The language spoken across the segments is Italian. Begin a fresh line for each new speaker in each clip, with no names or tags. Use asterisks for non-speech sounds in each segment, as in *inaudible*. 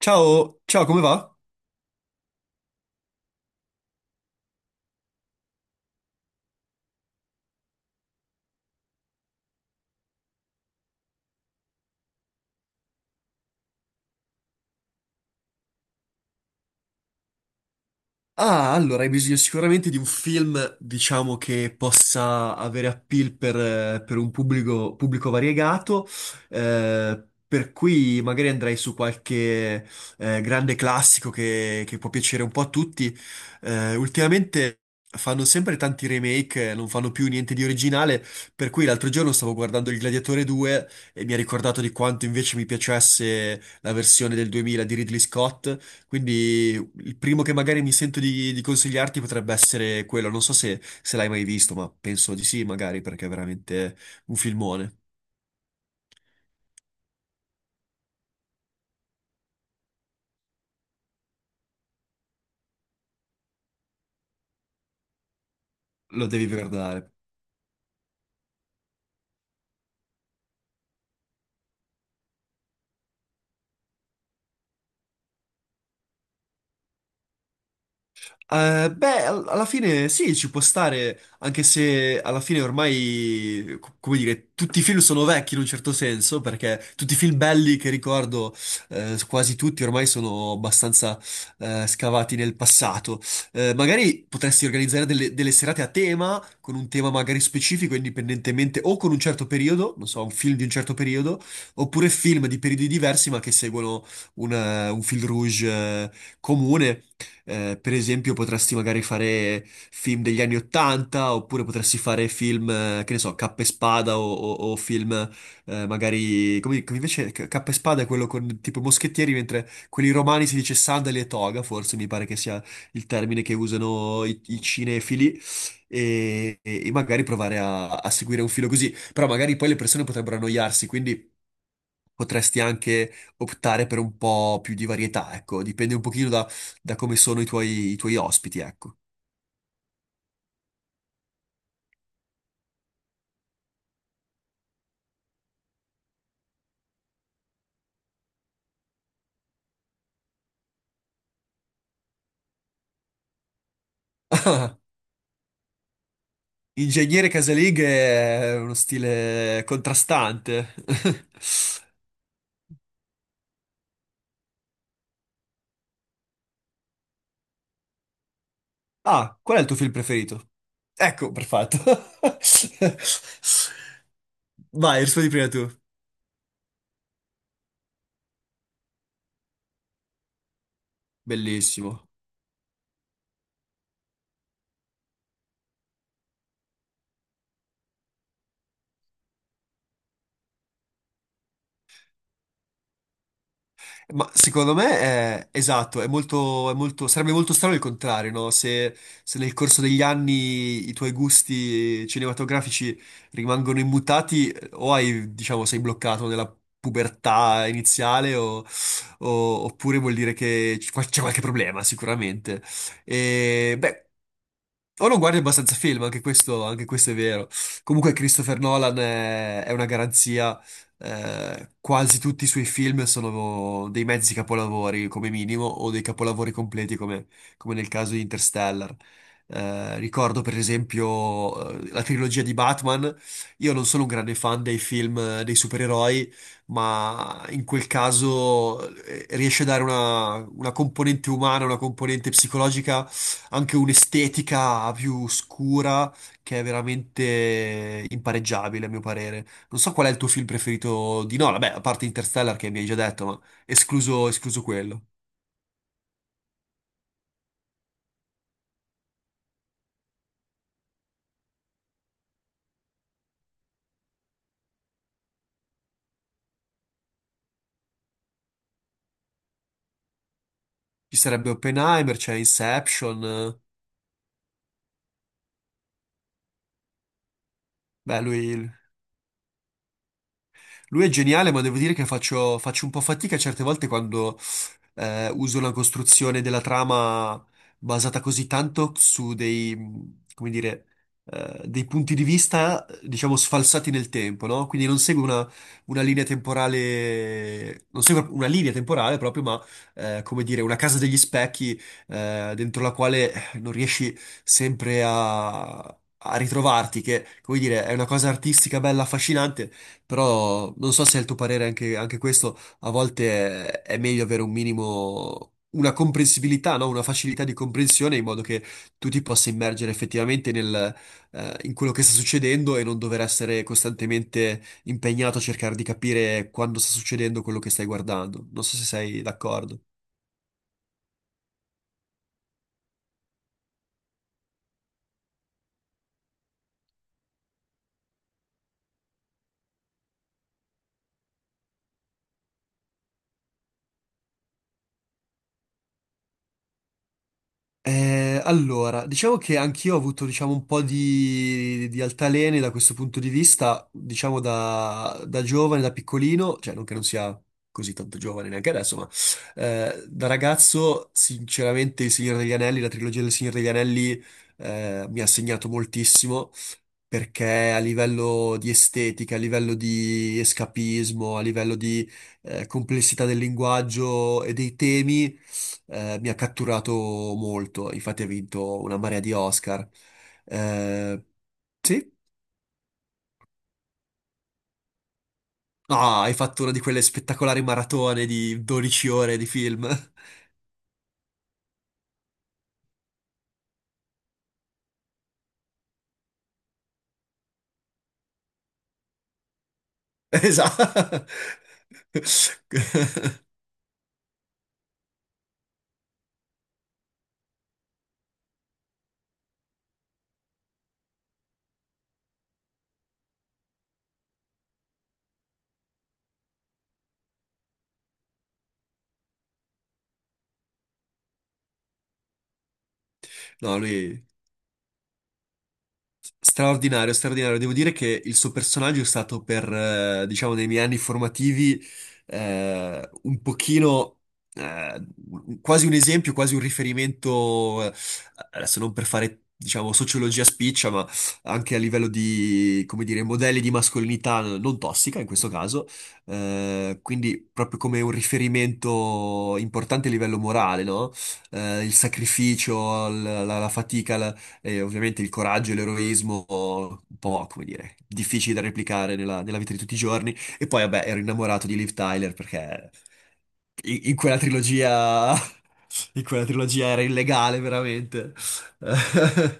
Ciao, ciao, come va? Ah, allora hai bisogno sicuramente di un film, diciamo, che possa avere appeal per un pubblico, pubblico variegato, per cui magari andrei su qualche grande classico che può piacere un po' a tutti. Ultimamente fanno sempre tanti remake, non fanno più niente di originale, per cui l'altro giorno stavo guardando Il Gladiatore 2 e mi ha ricordato di quanto invece mi piacesse la versione del 2000 di Ridley Scott. Quindi il primo che magari mi sento di consigliarti potrebbe essere quello. Non so se, se l'hai mai visto, ma penso di sì, magari, perché è veramente un filmone. Lo devi guardare. Beh, alla fine sì, ci può stare, anche se alla fine ormai, come dire, tutti i film sono vecchi in un certo senso, perché tutti i film belli che ricordo, quasi tutti ormai sono abbastanza, scavati nel passato. Magari potresti organizzare delle serate a tema, con un tema magari specifico, indipendentemente, o con un certo periodo, non so, un film di un certo periodo, oppure film di periodi diversi, ma che seguono un fil rouge, eh, comune. Per esempio, potresti magari fare film degli anni Ottanta, oppure potresti fare film, che ne so, Cappa e Spada o film Come, come invece Cappa e Spada è quello con tipo i moschettieri, mentre quelli romani si dice sandali e toga, forse mi pare che sia il termine che usano i cinefili, e magari provare a seguire un filo così. Però magari poi le persone potrebbero annoiarsi, quindi potresti anche optare per un po' più di varietà, ecco, dipende un pochino da, da come sono i tuoi ospiti, ecco. Ingegnere casalinghe è uno stile contrastante. *laughs* Ah, qual è il tuo film preferito? Ecco, perfetto. *laughs* Vai, rispondi prima tu. Bellissimo. Ma secondo me è esatto, è molto- sarebbe molto strano il contrario, no? Se, se nel corso degli anni i tuoi gusti cinematografici rimangono immutati, o hai, diciamo, sei bloccato nella pubertà iniziale, oppure vuol dire che c'è qualche problema, sicuramente. E, beh, o non guardi abbastanza film, anche questo è vero. Comunque Christopher Nolan è una garanzia quasi tutti i suoi film sono dei mezzi capolavori come minimo o dei capolavori completi come, come nel caso di Interstellar. Ricordo per esempio la trilogia di Batman. Io non sono un grande fan dei film dei supereroi, ma in quel caso riesce a dare una componente umana, una componente psicologica, anche un'estetica più scura che è veramente impareggiabile, a mio parere. Non so qual è il tuo film preferito di Nolan, beh, a parte Interstellar che mi hai già detto, ma escluso quello. Ci sarebbe Oppenheimer, c'è Inception, beh, lui Lui è geniale, ma devo dire che faccio un po' fatica certe volte quando uso una costruzione della trama basata così tanto su dei, come dire, dei punti di vista, diciamo, sfalsati nel tempo, no? Quindi non seguo una linea temporale, non seguo una linea temporale proprio, ma come dire, una casa degli specchi dentro la quale non riesci sempre a... a ritrovarti, che, come dire, è una cosa artistica bella, affascinante, però non so se è il tuo parere anche, anche questo, è meglio avere un minimo, una comprensibilità, no? Una facilità di comprensione in modo che tu ti possa immergere effettivamente nel, in quello che sta succedendo e non dover essere costantemente impegnato a cercare di capire quando sta succedendo quello che stai guardando. Non so se sei d'accordo. Allora, diciamo che anch'io ho avuto, diciamo, un po' di altalene da questo punto di vista, diciamo da, da giovane, da piccolino, cioè non che non sia così tanto giovane neanche adesso, ma da ragazzo, sinceramente, Il Signore degli Anelli, la trilogia del Signore degli Anelli, mi ha segnato moltissimo perché a livello di estetica, a livello di escapismo, a livello di complessità del linguaggio e dei temi, mi ha catturato molto. Infatti ha vinto una marea di Oscar. Eh, sì? Ah, hai fatto una di quelle spettacolari maratone di 12 ore di film. *laughs* Esatto. *laughs* No, lui... Straordinario, straordinario. Devo dire che il suo personaggio è stato per, diciamo, nei miei anni formativi un pochino, eh, quasi un esempio, quasi un riferimento, adesso non per fare, diciamo, sociologia spiccia, ma anche a livello di, come dire, modelli di mascolinità non tossica in questo caso, quindi proprio come un riferimento importante a livello morale, no? Il sacrificio, la fatica, e ovviamente il coraggio e l'eroismo, un po', come dire, difficili da replicare nella, nella vita di tutti i giorni. E poi, vabbè, ero innamorato di Liv Tyler perché in quella trilogia, *laughs* in quella trilogia era illegale, veramente. *laughs*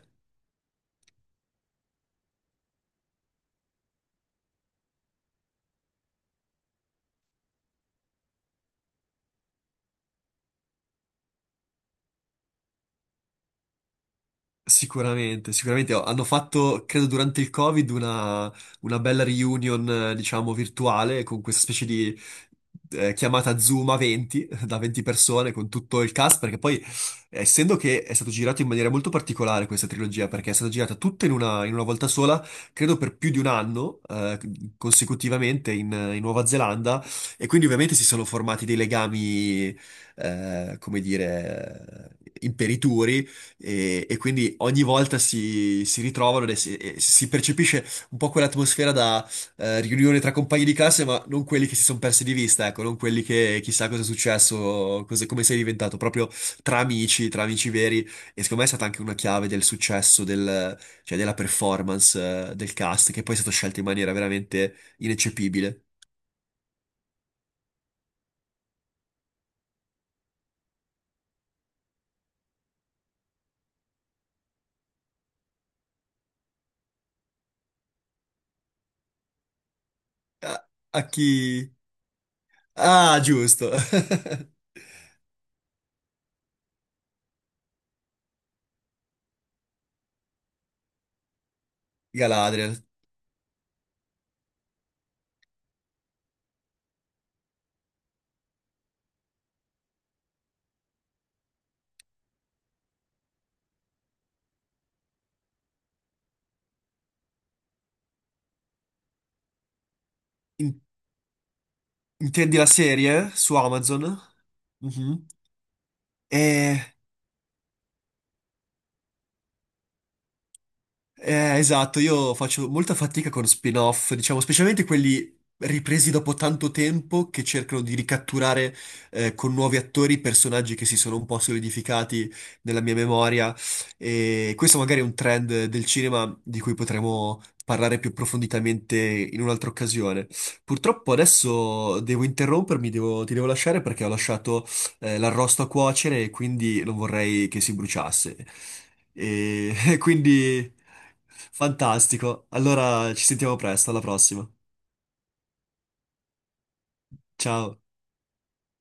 Sicuramente, sicuramente. Oh, hanno fatto, credo durante il Covid, una bella reunion, diciamo, virtuale con questa specie di chiamata Zoom a 20, *laughs* da 20 persone, con tutto il cast, perché poi, essendo che è stato girato in maniera molto particolare questa trilogia, perché è stata girata tutta in una volta sola, credo per più di un anno, consecutivamente in, in Nuova Zelanda, e quindi ovviamente si sono formati dei legami, come dire, imperituri e quindi ogni volta si, si ritrovano e si percepisce un po' quell'atmosfera da riunione tra compagni di classe, ma non quelli che si sono persi di vista, ecco, non quelli che chissà cosa è successo, cosa- come sei diventato, proprio tra amici veri. E secondo me è stata anche una chiave del successo, del- cioè della performance del cast, che poi è stato scelto in maniera veramente ineccepibile. A, a chi... Ah, giusto! *laughs* Galadriel. In- intendi la serie su Amazon? Mhm. Eh, esatto, io faccio molta fatica con spin-off, diciamo, specialmente quelli ripresi dopo tanto tempo che cercano di ricatturare con nuovi attori personaggi che si sono un po' solidificati nella mia memoria. E questo magari è un trend del cinema di cui potremo parlare più approfonditamente in un'altra occasione. Purtroppo adesso devo interrompermi, devo- ti devo lasciare perché ho lasciato l'arrosto a cuocere e quindi non vorrei che si bruciasse. E *laughs* quindi fantastico. Allora ci sentiamo presto, alla prossima. Ciao.